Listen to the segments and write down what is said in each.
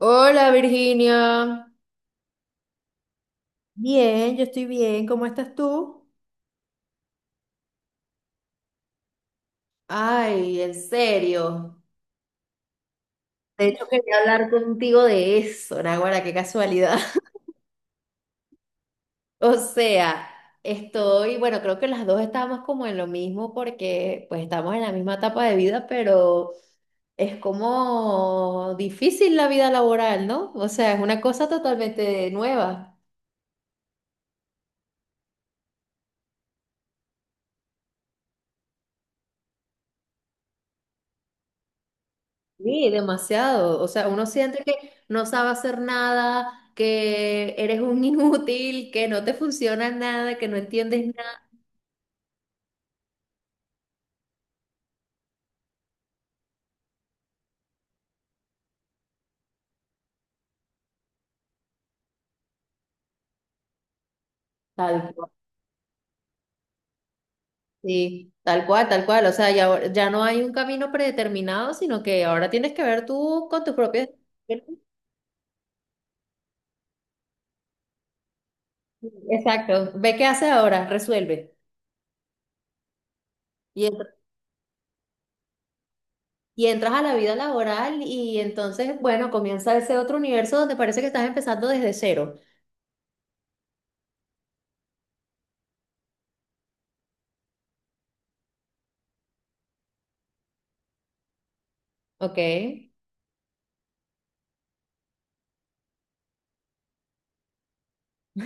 Hola Virginia. Bien, yo estoy bien. ¿Cómo estás tú? Ay, en serio. De hecho, quería hablar contigo de eso, Naguará, qué casualidad. O sea, estoy, bueno, creo que las dos estamos como en lo mismo porque pues estamos en la misma etapa de vida, pero es como difícil la vida laboral, ¿no? O sea, es una cosa totalmente nueva. Sí, demasiado. O sea, uno siente que no sabe hacer nada, que eres un inútil, que no te funciona nada, que no entiendes nada. Tal cual. Sí, tal cual, tal cual. O sea, ya, ya no hay un camino predeterminado, sino que ahora tienes que ver tú con tus propios... Exacto. Ve qué haces ahora, resuelve. Y, entr- y entras a la vida laboral y entonces, bueno, comienza ese otro universo donde parece que estás empezando desde cero. ¿Ok?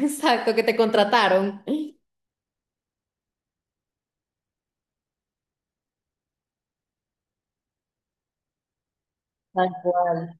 Exacto, que te contrataron. Tal cual.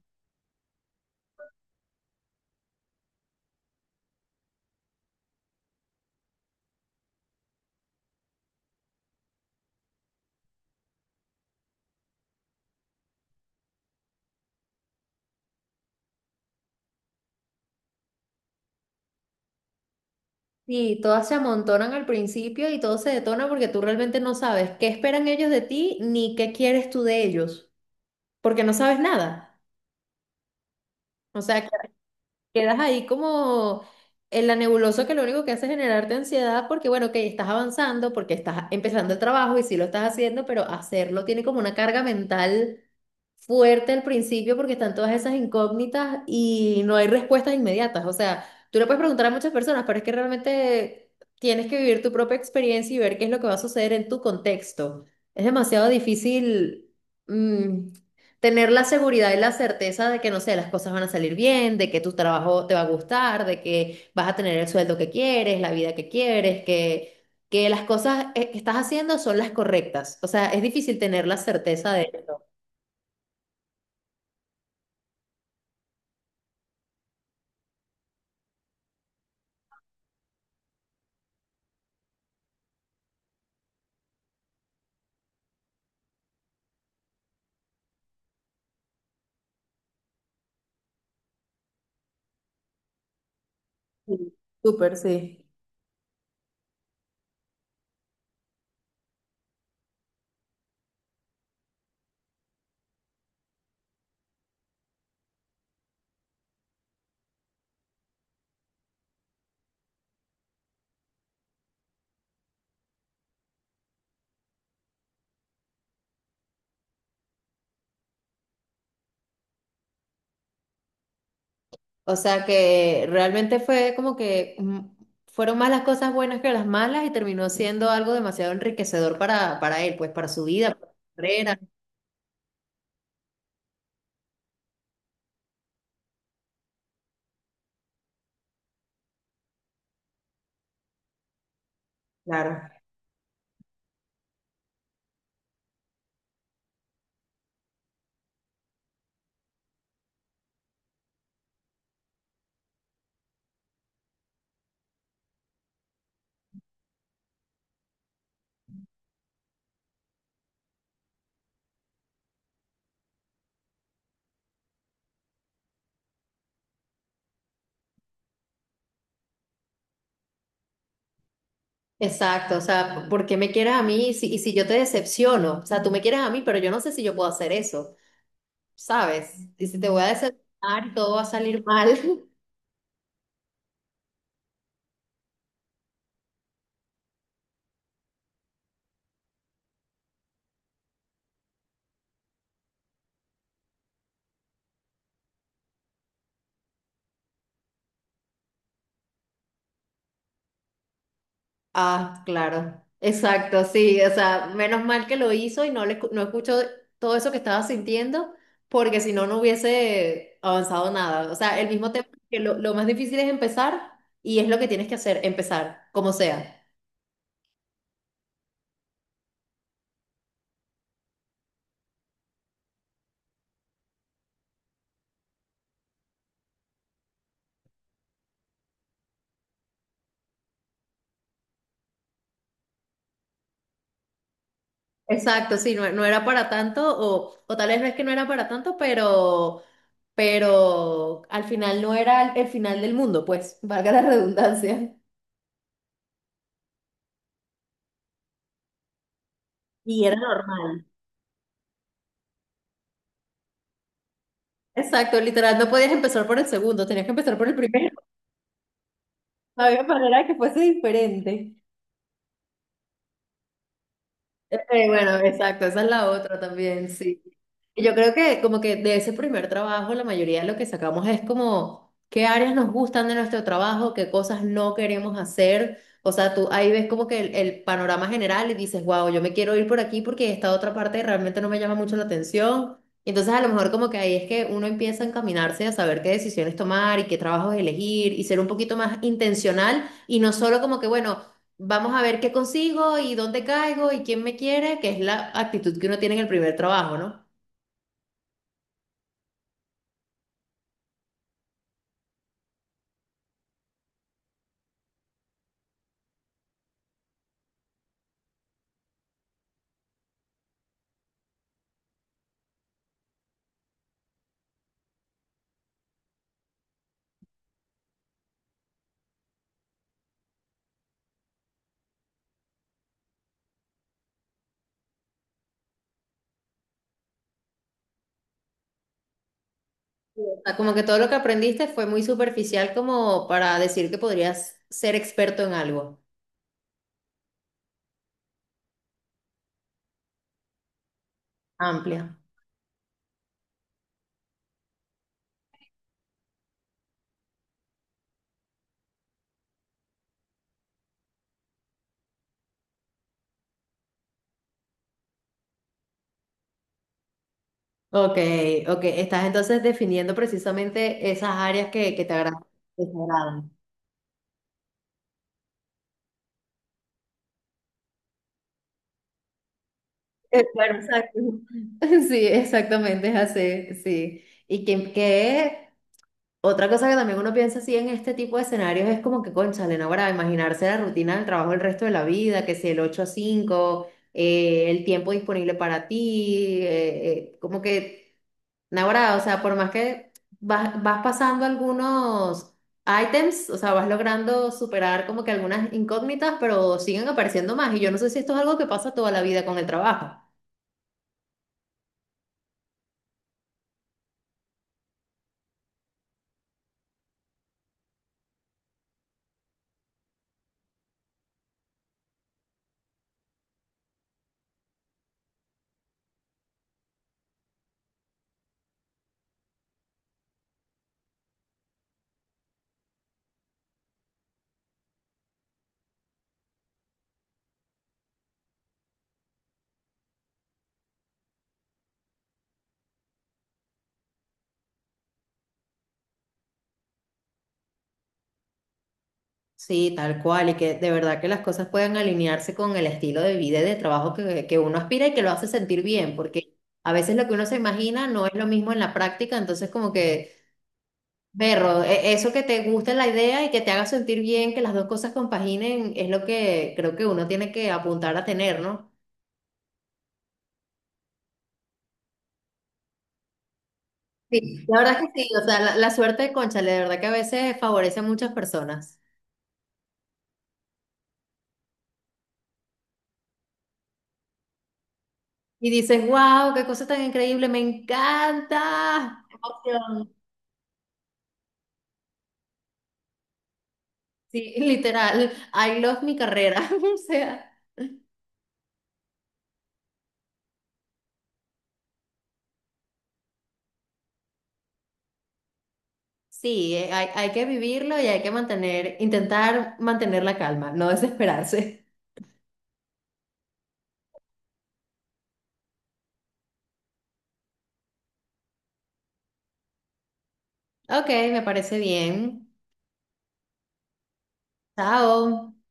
Sí, todas se amontonan al principio y todo se detona porque tú realmente no sabes qué esperan ellos de ti ni qué quieres tú de ellos, porque no sabes nada. O sea, que- Quedas ahí como en la nebulosa que lo único que hace es generarte ansiedad porque, bueno, que estás avanzando, porque estás empezando el trabajo y sí lo estás haciendo, pero hacerlo tiene como una carga mental fuerte al principio porque están todas esas incógnitas y no hay respuestas inmediatas. O sea, tú le puedes preguntar a muchas personas, pero es que realmente tienes que vivir tu propia experiencia y ver qué es lo que va a suceder en tu contexto. Es demasiado difícil, mm, tener la seguridad y la certeza de que, no sé, las cosas van a salir bien, de que tu trabajo te va a gustar, de que vas a tener el sueldo que quieres, la vida que quieres, que las cosas que estás haciendo son las correctas. O sea, es difícil tener la certeza de eso. Sí, Súper, sí. O sea que realmente fue como que fueron más las cosas buenas que las malas y terminó siendo algo demasiado enriquecedor para él, pues para su vida, para su carrera. Claro. Exacto, o sea, ¿por qué me quieres a mí y si yo te decepciono? O sea, tú me quieres a mí, pero yo no sé si yo puedo hacer eso, ¿sabes? Y si te voy a decepcionar, todo va a salir mal. Ah, claro, exacto, sí, o sea, menos mal que lo hizo y no no escuchó todo eso que estaba sintiendo, porque si no, no hubiese avanzado nada. O sea, el mismo tema que lo más difícil es empezar y es lo que tienes que hacer, empezar, como sea. Exacto, sí, no, no era para tanto, o tal vez no es que no era para tanto, pero al final no era el, final del mundo, pues, valga la redundancia. Y era normal. Exacto, literal, no podías empezar por el segundo, tenías que empezar por el primero. Había manera que fuese diferente. Bueno, exacto, esa es la otra también, sí. Y yo creo que como que de ese primer trabajo la mayoría de lo que sacamos es como qué áreas nos gustan de nuestro trabajo, qué cosas no queremos hacer. O sea, tú ahí ves como que el panorama general y dices, wow, yo me quiero ir por aquí porque esta otra parte realmente no me llama mucho la atención. Y entonces a lo mejor como que ahí es que uno empieza a encaminarse a saber qué decisiones tomar y qué trabajos elegir y ser un poquito más intencional y no solo como que, bueno, vamos a ver qué consigo y dónde caigo y quién me quiere, que es la actitud que uno tiene en el primer trabajo, ¿no? O sea, como que todo lo que aprendiste fue muy superficial como para decir que podrías ser experto en algo. Amplia. Ok, ok. Estás entonces definiendo precisamente esas áreas que te agradan. Que te agradan. Claro, exacto. Sí, exactamente, es así, sí. Y que otra cosa que también uno piensa así en este tipo de escenarios es como que, cónchale, no, ahora imaginarse la rutina del trabajo el resto de la vida, que si el 8 a 5 el tiempo disponible para ti, como que Naguará, o sea, por más que vas pasando algunos items, o sea, vas logrando superar como que algunas incógnitas, pero siguen apareciendo más. Y yo no sé si esto es algo que pasa toda la vida con el trabajo. Sí, tal cual, y que de verdad que las cosas puedan alinearse con el estilo de vida y de trabajo que uno aspira y que lo hace sentir bien, porque a veces lo que uno se imagina no es lo mismo en la práctica, entonces como que... Berro, eso que te guste la idea y que te haga sentir bien, que las dos cosas compaginen, es lo que creo que uno tiene que apuntar a tener, ¿no? Sí. La verdad que sí, o sea, la suerte de Cónchale, de verdad que a veces favorece a muchas personas. Y dices, wow, qué cosa tan increíble, me encanta. Qué emoción. Sí, literal, I love mi carrera. O sea, sí, hay que vivirlo y hay que mantener, intentar mantener la calma, no desesperarse. Ok, me parece bien. Chao.